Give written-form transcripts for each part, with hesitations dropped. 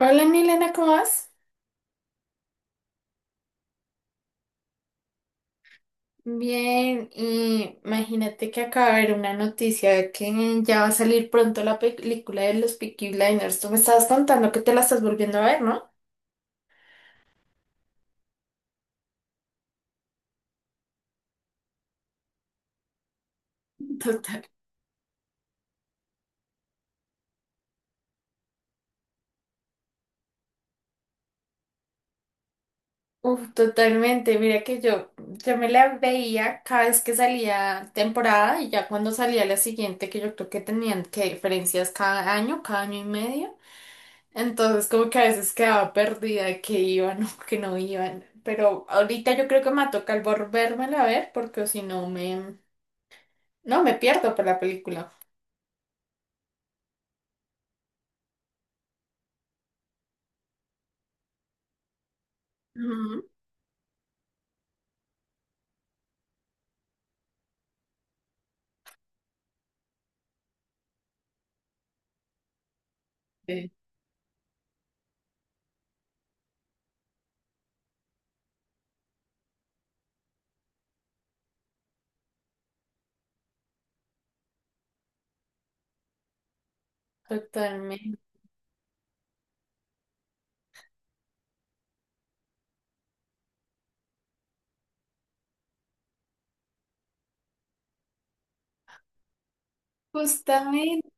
Hola Milena, ¿cómo vas? Bien, y imagínate que acaba de ver una noticia de que ya va a salir pronto la película de los Peaky Blinders. Tú me estabas contando que te la estás volviendo a ver, ¿no? Total. Uf, totalmente. Mira que yo me la veía cada vez que salía temporada y ya cuando salía la siguiente, que yo creo que tenían que diferencias cada año y medio. Entonces, como que a veces quedaba perdida de que iban o que no iban. Pero ahorita yo creo que me toca el volvérmela a ver porque si no me... No, me pierdo por la película. Ujú. Sí. Totalmente. Justamente.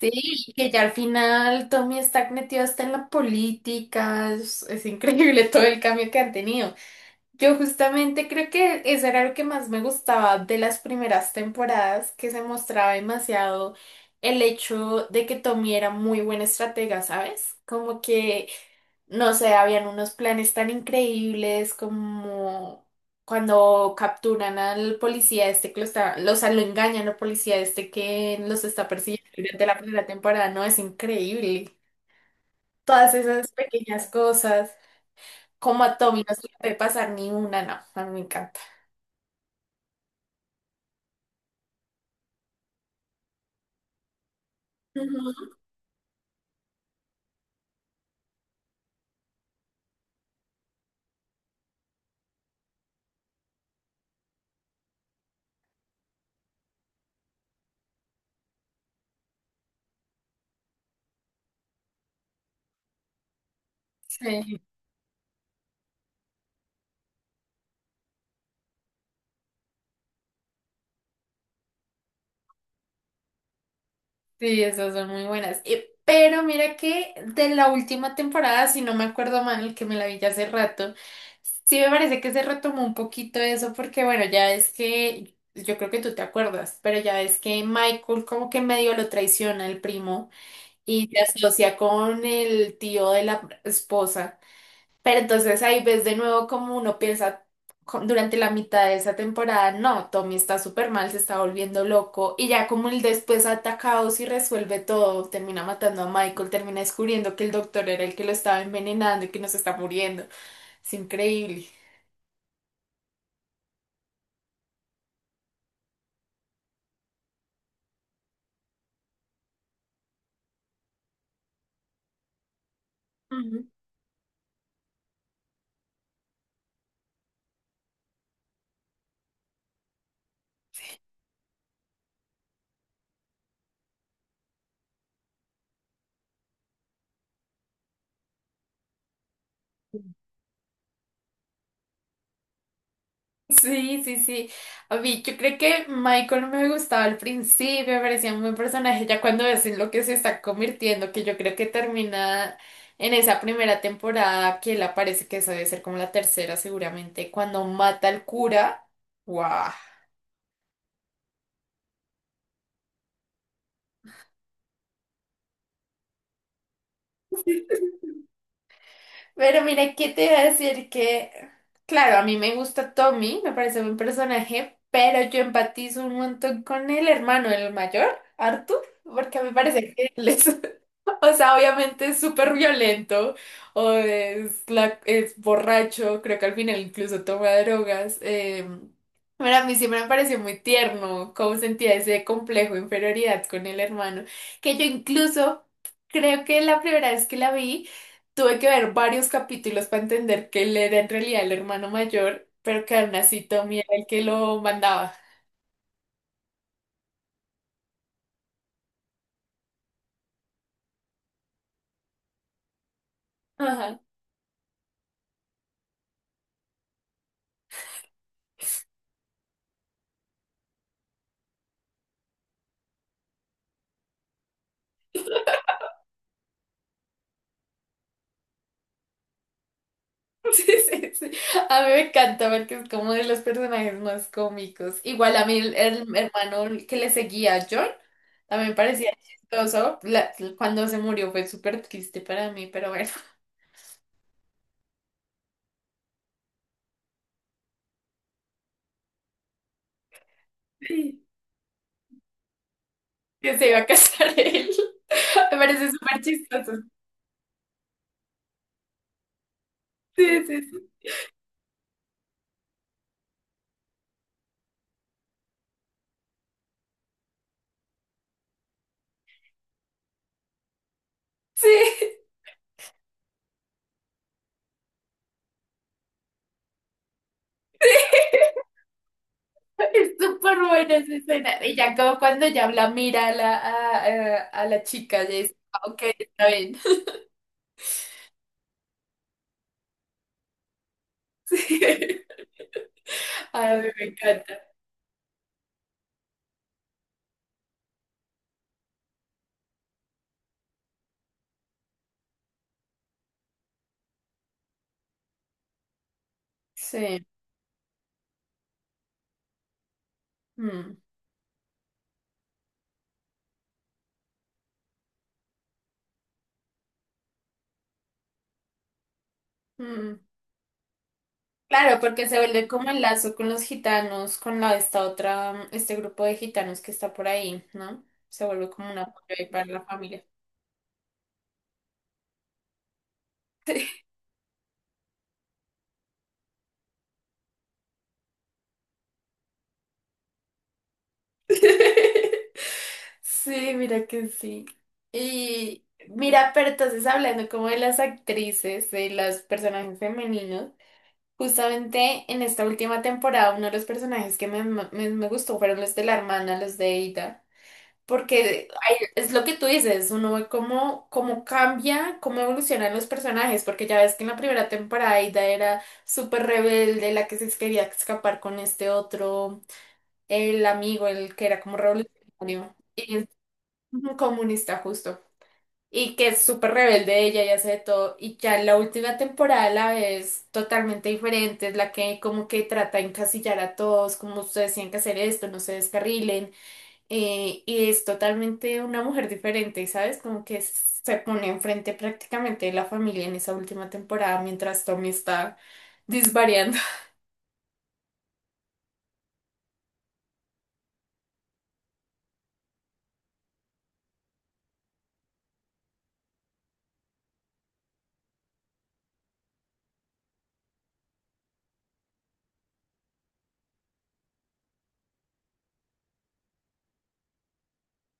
Sí, que ya al final Tommy está metido hasta en la política. Es increíble todo el cambio que han tenido. Yo justamente creo que eso era lo que más me gustaba de las primeras temporadas, que se mostraba demasiado el hecho de que Tommy era muy buen estratega, ¿sabes? Como que, no sé, habían unos planes tan increíbles como cuando capturan al policía este que o sea, lo engañan al policía este que los está persiguiendo durante la primera temporada, ¿no? Es increíble. Todas esas pequeñas cosas, como a Tommy no se le puede pasar ni una, no, a mí me encanta. Ujú. Sí, sí, esas son muy buenas. Y, pero mira que de la última temporada, si no me acuerdo mal, que me la vi ya hace rato, sí me parece que se retomó un poquito eso, porque bueno, ya es que, yo creo que tú te acuerdas, pero ya es que Michael como que medio lo traiciona el primo y se asocia con el tío de la esposa. Pero entonces ahí ves de nuevo como uno piensa durante la mitad de esa temporada, no, Tommy está súper mal, se está volviendo loco y ya como él después ataca a Oz y resuelve todo, termina matando a Michael, termina descubriendo que el doctor era el que lo estaba envenenando y que nos está muriendo. Es increíble. Sí, sí, sí. A mí, yo creo que Michael no me gustaba al principio, me parecía un buen personaje, ya cuando ves en lo que se está convirtiendo, que yo creo que termina en esa primera temporada, que él aparece, que eso debe ser como la tercera seguramente, cuando mata al cura. ¡Wow! Pero mira, ¿qué te iba a decir? Que, claro, a mí me gusta Tommy, me parece un personaje, pero yo empatizo un montón con el hermano, el mayor, Arthur, porque me parece que él es, o sea, obviamente es súper violento, o es, la, es borracho, creo que al final incluso toma drogas. Pero a mí siempre me pareció muy tierno cómo sentía ese complejo de inferioridad con el hermano, que yo incluso creo que la primera vez que la vi, tuve que ver varios capítulos para entender que él era en realidad el hermano mayor, pero que aún así Tommy era el que lo mandaba. Ajá. Sí, sí, sí. A mí me encanta porque es como de los personajes más cómicos. Igual a mí el hermano que le seguía a John también me parecía chistoso. Cuando se murió fue súper triste para mí, pero bueno, que se iba a casar él. Me parece súper chistoso. Sí, sí, sí. Sí. Es súper buena esa escena. Y ya como cuando ya la mira a la chica, ya dice, "Ah, ok, está bien". Sí. A mí me encanta. Sí. Mm, mm. Claro, porque se vuelve como el lazo con los gitanos, con la, esta otra, este grupo de gitanos que está por ahí, ¿no? Se vuelve como una apoyo ahí para la familia. Sí, mira que sí. Y mira, pero entonces hablando como de las actrices, de las personajes femeninos. Justamente en esta última temporada, uno de los personajes que me gustó fueron los de la hermana, los de Ada. Porque ahí es lo que tú dices, uno ve cómo, cómo cambia, cómo evolucionan los personajes. Porque ya ves que en la primera temporada Ada era súper rebelde, la que se quería escapar con este otro, el amigo, el que era como revolucionario y es un comunista justo y que es súper rebelde ella y hace de todo. Y ya en la última temporada la ves totalmente diferente, es la que como que trata de encasillar a todos, como ustedes tienen que hacer esto, no se descarrilen. Y es totalmente una mujer diferente, ¿sabes? Como que se pone enfrente prácticamente de la familia en esa última temporada mientras Tommy está disvariando.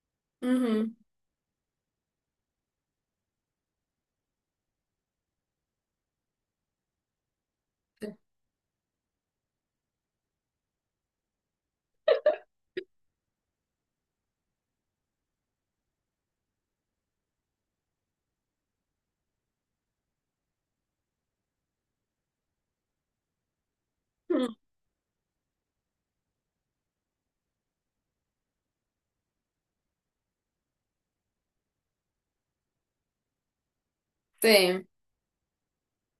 Ujú. Sí.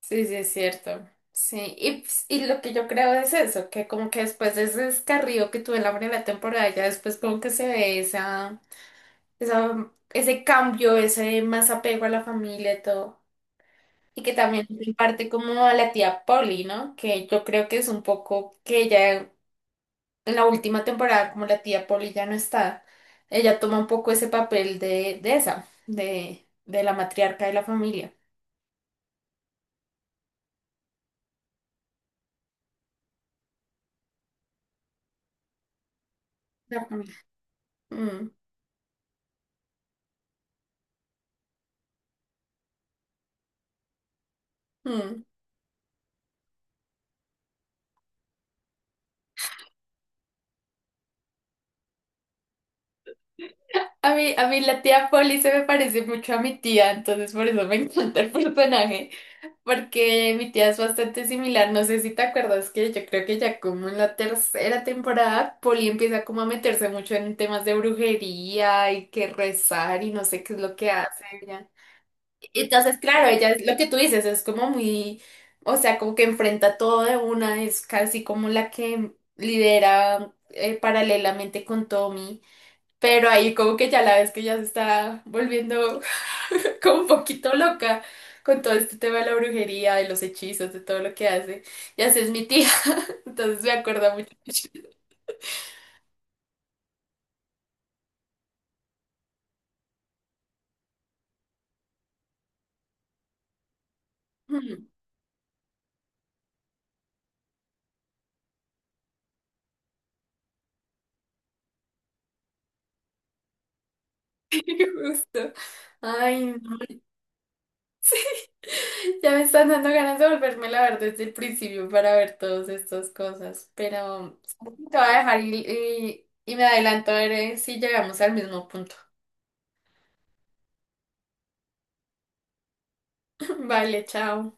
Sí, sí, es cierto. Sí, y, y lo que yo creo es eso, que como que después de ese descarrío que tuve en la primera temporada, ya después como que se ve esa, esa, ese cambio, ese más apego a la familia y todo. Y que también en parte como a la tía Polly, ¿no? Que yo creo que es un poco que ella en la última temporada, como la tía Polly ya no está, ella toma un poco ese papel de esa, de la matriarca de la familia. La familia. Mm, mm. A mí la tía Polly se me parece mucho a mi tía, entonces por eso me encanta el personaje, porque mi tía es bastante similar. No sé si te acuerdas que yo creo que ya como en la tercera temporada, Polly empieza como a meterse mucho en temas de brujería y que rezar y no sé qué es lo que hace ella. Entonces, claro, ella es lo que tú dices, es como muy, o sea, como que enfrenta todo de una, es casi como la que lidera paralelamente con Tommy. Pero ahí como que ya la ves que ya se está volviendo como un poquito loca con todo este tema de la brujería, de los hechizos, de todo lo que hace. Y así es mi tía, entonces me acuerda mucho. Mm. Justo. Ay, no. Ya me están dando ganas de volvérmela a ver desde el principio para ver todas estas cosas. Pero sí, te voy a dejar y, y me adelanto a ver si llegamos al mismo punto. Vale, chao.